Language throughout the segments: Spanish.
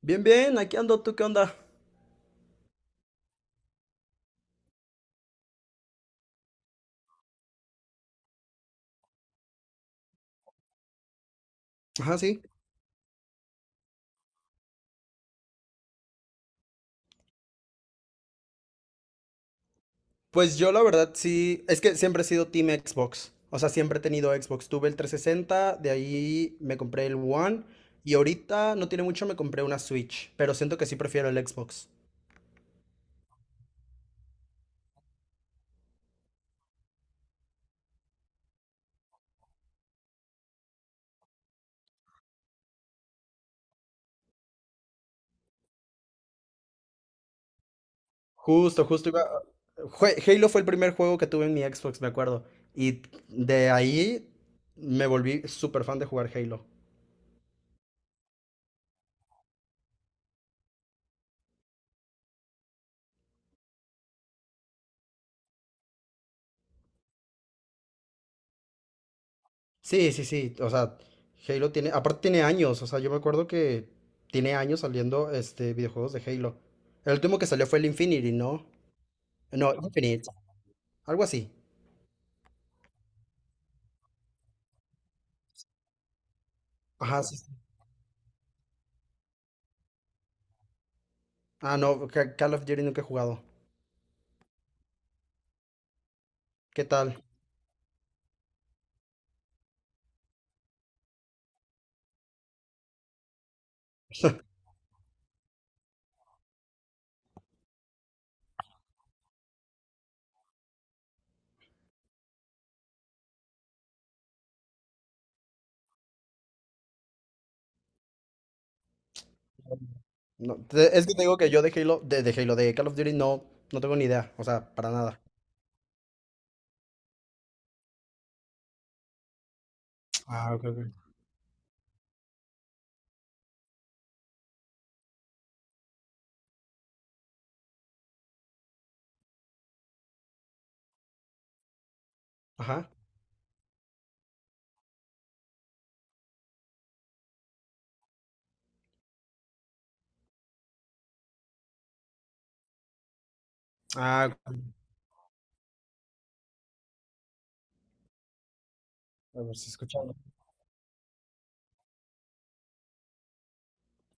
Bien, bien, aquí ando, ¿tú qué onda? Ajá, sí. Pues yo la verdad sí, es que siempre he sido Team Xbox. O sea, siempre he tenido Xbox. Tuve el 360, de ahí me compré el One y ahorita no tiene mucho me compré una Switch, pero siento que sí prefiero el Xbox. Justo, justo iba... Halo fue el primer juego que tuve en mi Xbox, me acuerdo. Y de ahí me volví súper fan de jugar Halo. Sí, sí, sí. O sea, Halo tiene. Aparte tiene años. O sea, yo me acuerdo que tiene años saliendo este videojuegos de Halo. El último que salió fue el Infinity, ¿no? No, Infinite. Algo así. Ajá, sí. Sí. Ah, no, Call of Duty nunca he jugado. ¿Qué tal? No, es que te digo que yo de Halo, de Halo, de Call of Duty no, no tengo ni idea. O sea, para nada. Ah, ok, ok. Ajá. Ah, ok. A ver si escuchaba.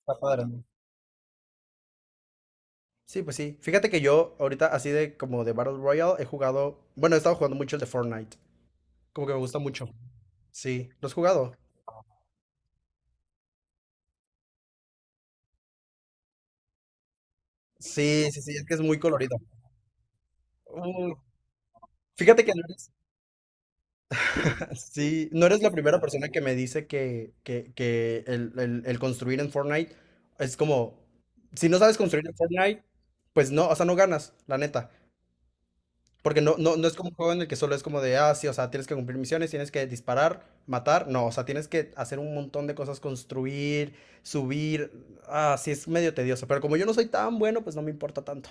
Está padre, ¿no? Sí, pues sí. Fíjate que yo ahorita así de como de Battle Royale he jugado. Bueno, he estado jugando mucho el de Fortnite. Como que me gusta mucho. Sí. ¿Lo has jugado? Sí, sí, sí, es que es muy colorido. Uy, fíjate que no eres, sí, no eres la primera persona que me dice que el, el construir en Fortnite es como, si no sabes construir en Fortnite, pues no, o sea, no ganas, la neta. Porque no, no, no es como un juego en el que solo es como de, ah, sí, o sea, tienes que cumplir misiones, tienes que disparar, matar. No, o sea, tienes que hacer un montón de cosas, construir, subir. Ah, sí, es medio tedioso. Pero como yo no soy tan bueno, pues no me importa tanto.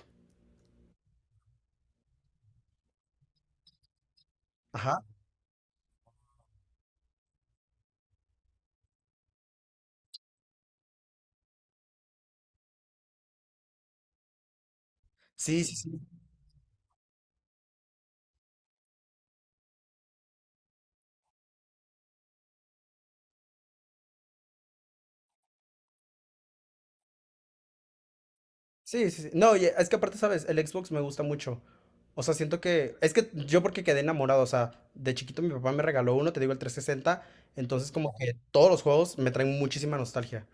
Sí, sí, sí. Sí, sí, sí. No, y es que aparte, ¿sabes? El Xbox me gusta mucho. O sea, siento que. Es que yo porque quedé enamorado. O sea, de chiquito mi papá me regaló uno, te digo, el 360. Entonces, como que todos los juegos me traen muchísima nostalgia.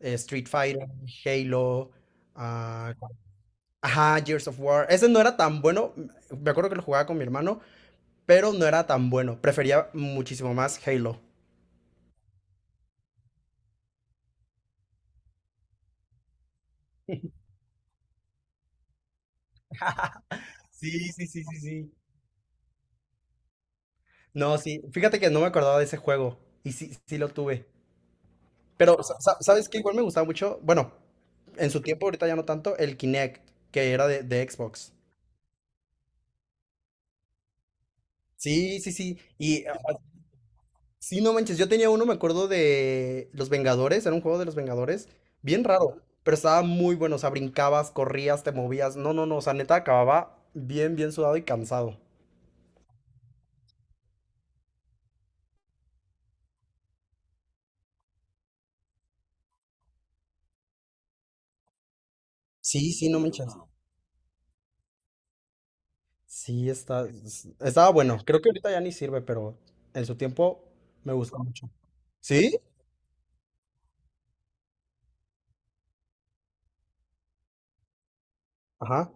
Street Fighter, Halo. ah, ajá, Gears of War. Ese no era tan bueno. Me acuerdo que lo jugaba con mi hermano, pero no era tan bueno. Prefería muchísimo más Halo. Sí, sí, sí, sí, sí. No, sí. Fíjate que no me acordaba de ese juego. Y sí, sí lo tuve. Pero, ¿sabes qué? Igual me gustaba mucho, bueno, en su tiempo, ahorita ya no tanto, el Kinect, que era de Xbox. Sí, sí, sí. Y sí, no manches, yo tenía uno, me acuerdo de Los Vengadores, era un juego de Los Vengadores, bien raro, pero estaba muy bueno, o sea, brincabas, corrías, te movías. No, no, no, o sea, neta acababa bien, bien sudado y cansado. Sí, sí, no manches. Sí, está, estaba bueno. Creo que ahorita ya ni sirve, pero en su tiempo me gustó mucho. ¿Sí? Ajá.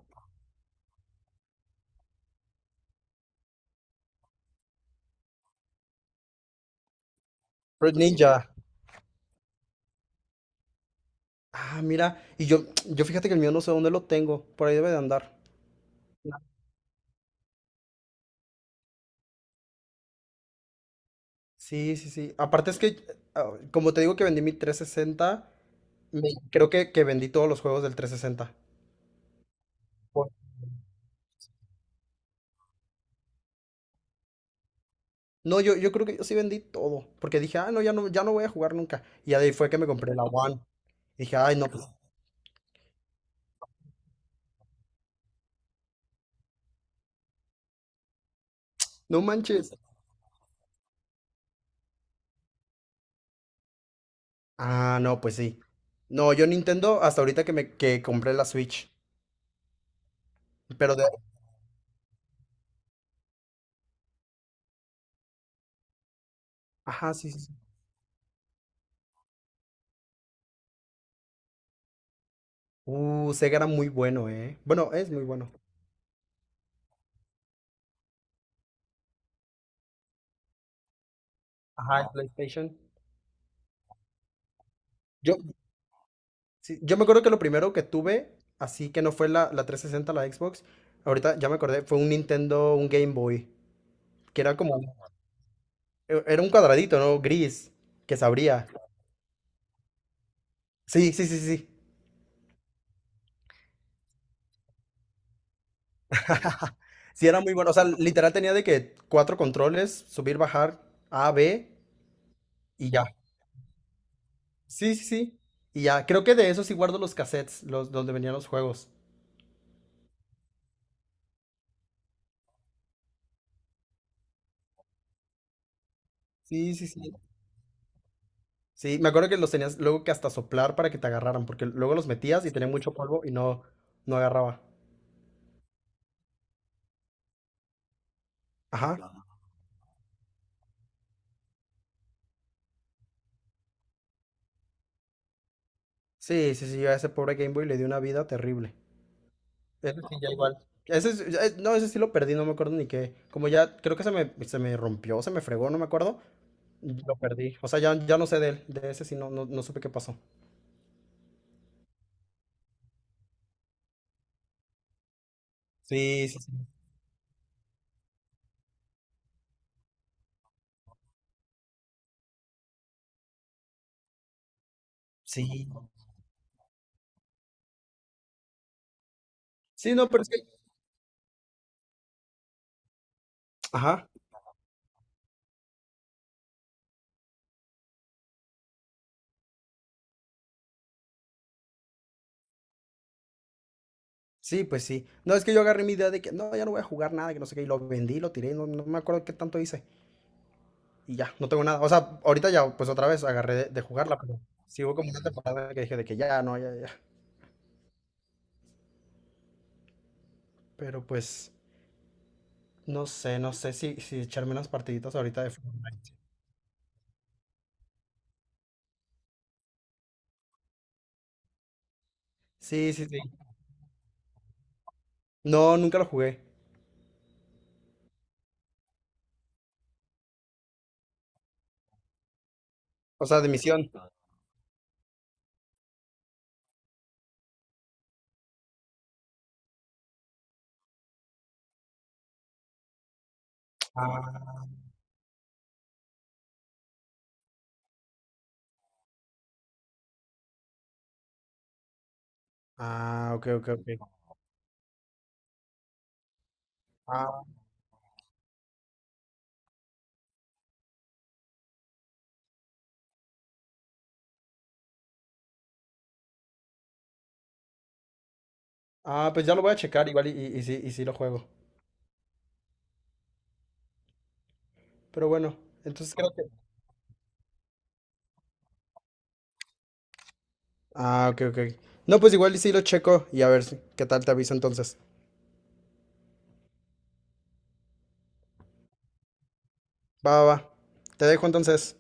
Fruit Ninja. Ah, mira, y yo fíjate que el mío no sé dónde lo tengo, por ahí debe de andar. Sí, sí, sí. Aparte es que, como te digo que vendí mi 360, me- creo que vendí todos los juegos del 360. Por- No, yo creo que yo sí vendí todo, porque dije, ah, no, ya no, ya no voy a jugar nunca. Y ahí fue que me compré la One. Dije, ay, no, pues, no manches. Ah, no, pues sí. No, yo Nintendo hasta ahorita que me que compré la Switch. Pero de... Ajá, sí, sí. Sí. Sega era muy bueno, ¿eh? Bueno, es muy bueno. Ajá, el PlayStation. Yo, sí, yo me acuerdo que lo primero que tuve, así que no fue la, la 360 la Xbox, ahorita ya me acordé, fue un Nintendo, un Game Boy, que era como, era un cuadradito, ¿no? Gris, que se abría. Sí, sí, sí, sí. Sí, era muy bueno. O sea, literal tenía de que cuatro controles, subir, bajar, A, B y ya. Sí, sí, sí. Y ya, creo que de eso sí guardo los cassettes, los donde venían los juegos. Sí, sí, sí. Sí, me acuerdo que los tenías luego que hasta soplar para que te agarraran, porque luego los metías y tenía mucho polvo y no, no agarraba. Ajá. Sí, sí, sí, yo a ese pobre Game Boy le di una vida terrible. Ese sí, ya igual. Ese, ya no, ese sí lo perdí, no me acuerdo ni qué. Como ya, creo que se me rompió, se me fregó, no me acuerdo. Y lo perdí. O sea, ya, ya no sé de él. De ese sí no, no, no supe qué pasó. Sí, sí, sí. Sí, sí, no, pero es que... Ajá. Sí, pues sí. No, es que yo agarré mi idea de que no, ya no voy a jugar nada, que no sé qué. Y lo vendí, lo tiré, no, no me acuerdo qué tanto hice. Y ya, no tengo nada. O sea, ahorita ya, pues otra vez agarré de jugarla, pero sí hubo como una temporada que dije de que ya, no, ya, ya. Pero pues... No sé, no sé si, si echarme unas partiditas ahorita de fútbol. Sí, sí, sí. No, nunca lo jugué. O sea, de misión. Ah, ah, ok, ok, ok. Ah, pues ya lo voy a checar igual y sí lo juego. Pero bueno, entonces creo que... Ah, ok, ok. No, pues igual y sí lo checo y a ver qué tal te aviso entonces. Va, va, va. Te dejo entonces.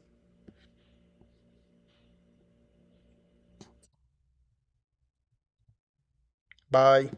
Bye.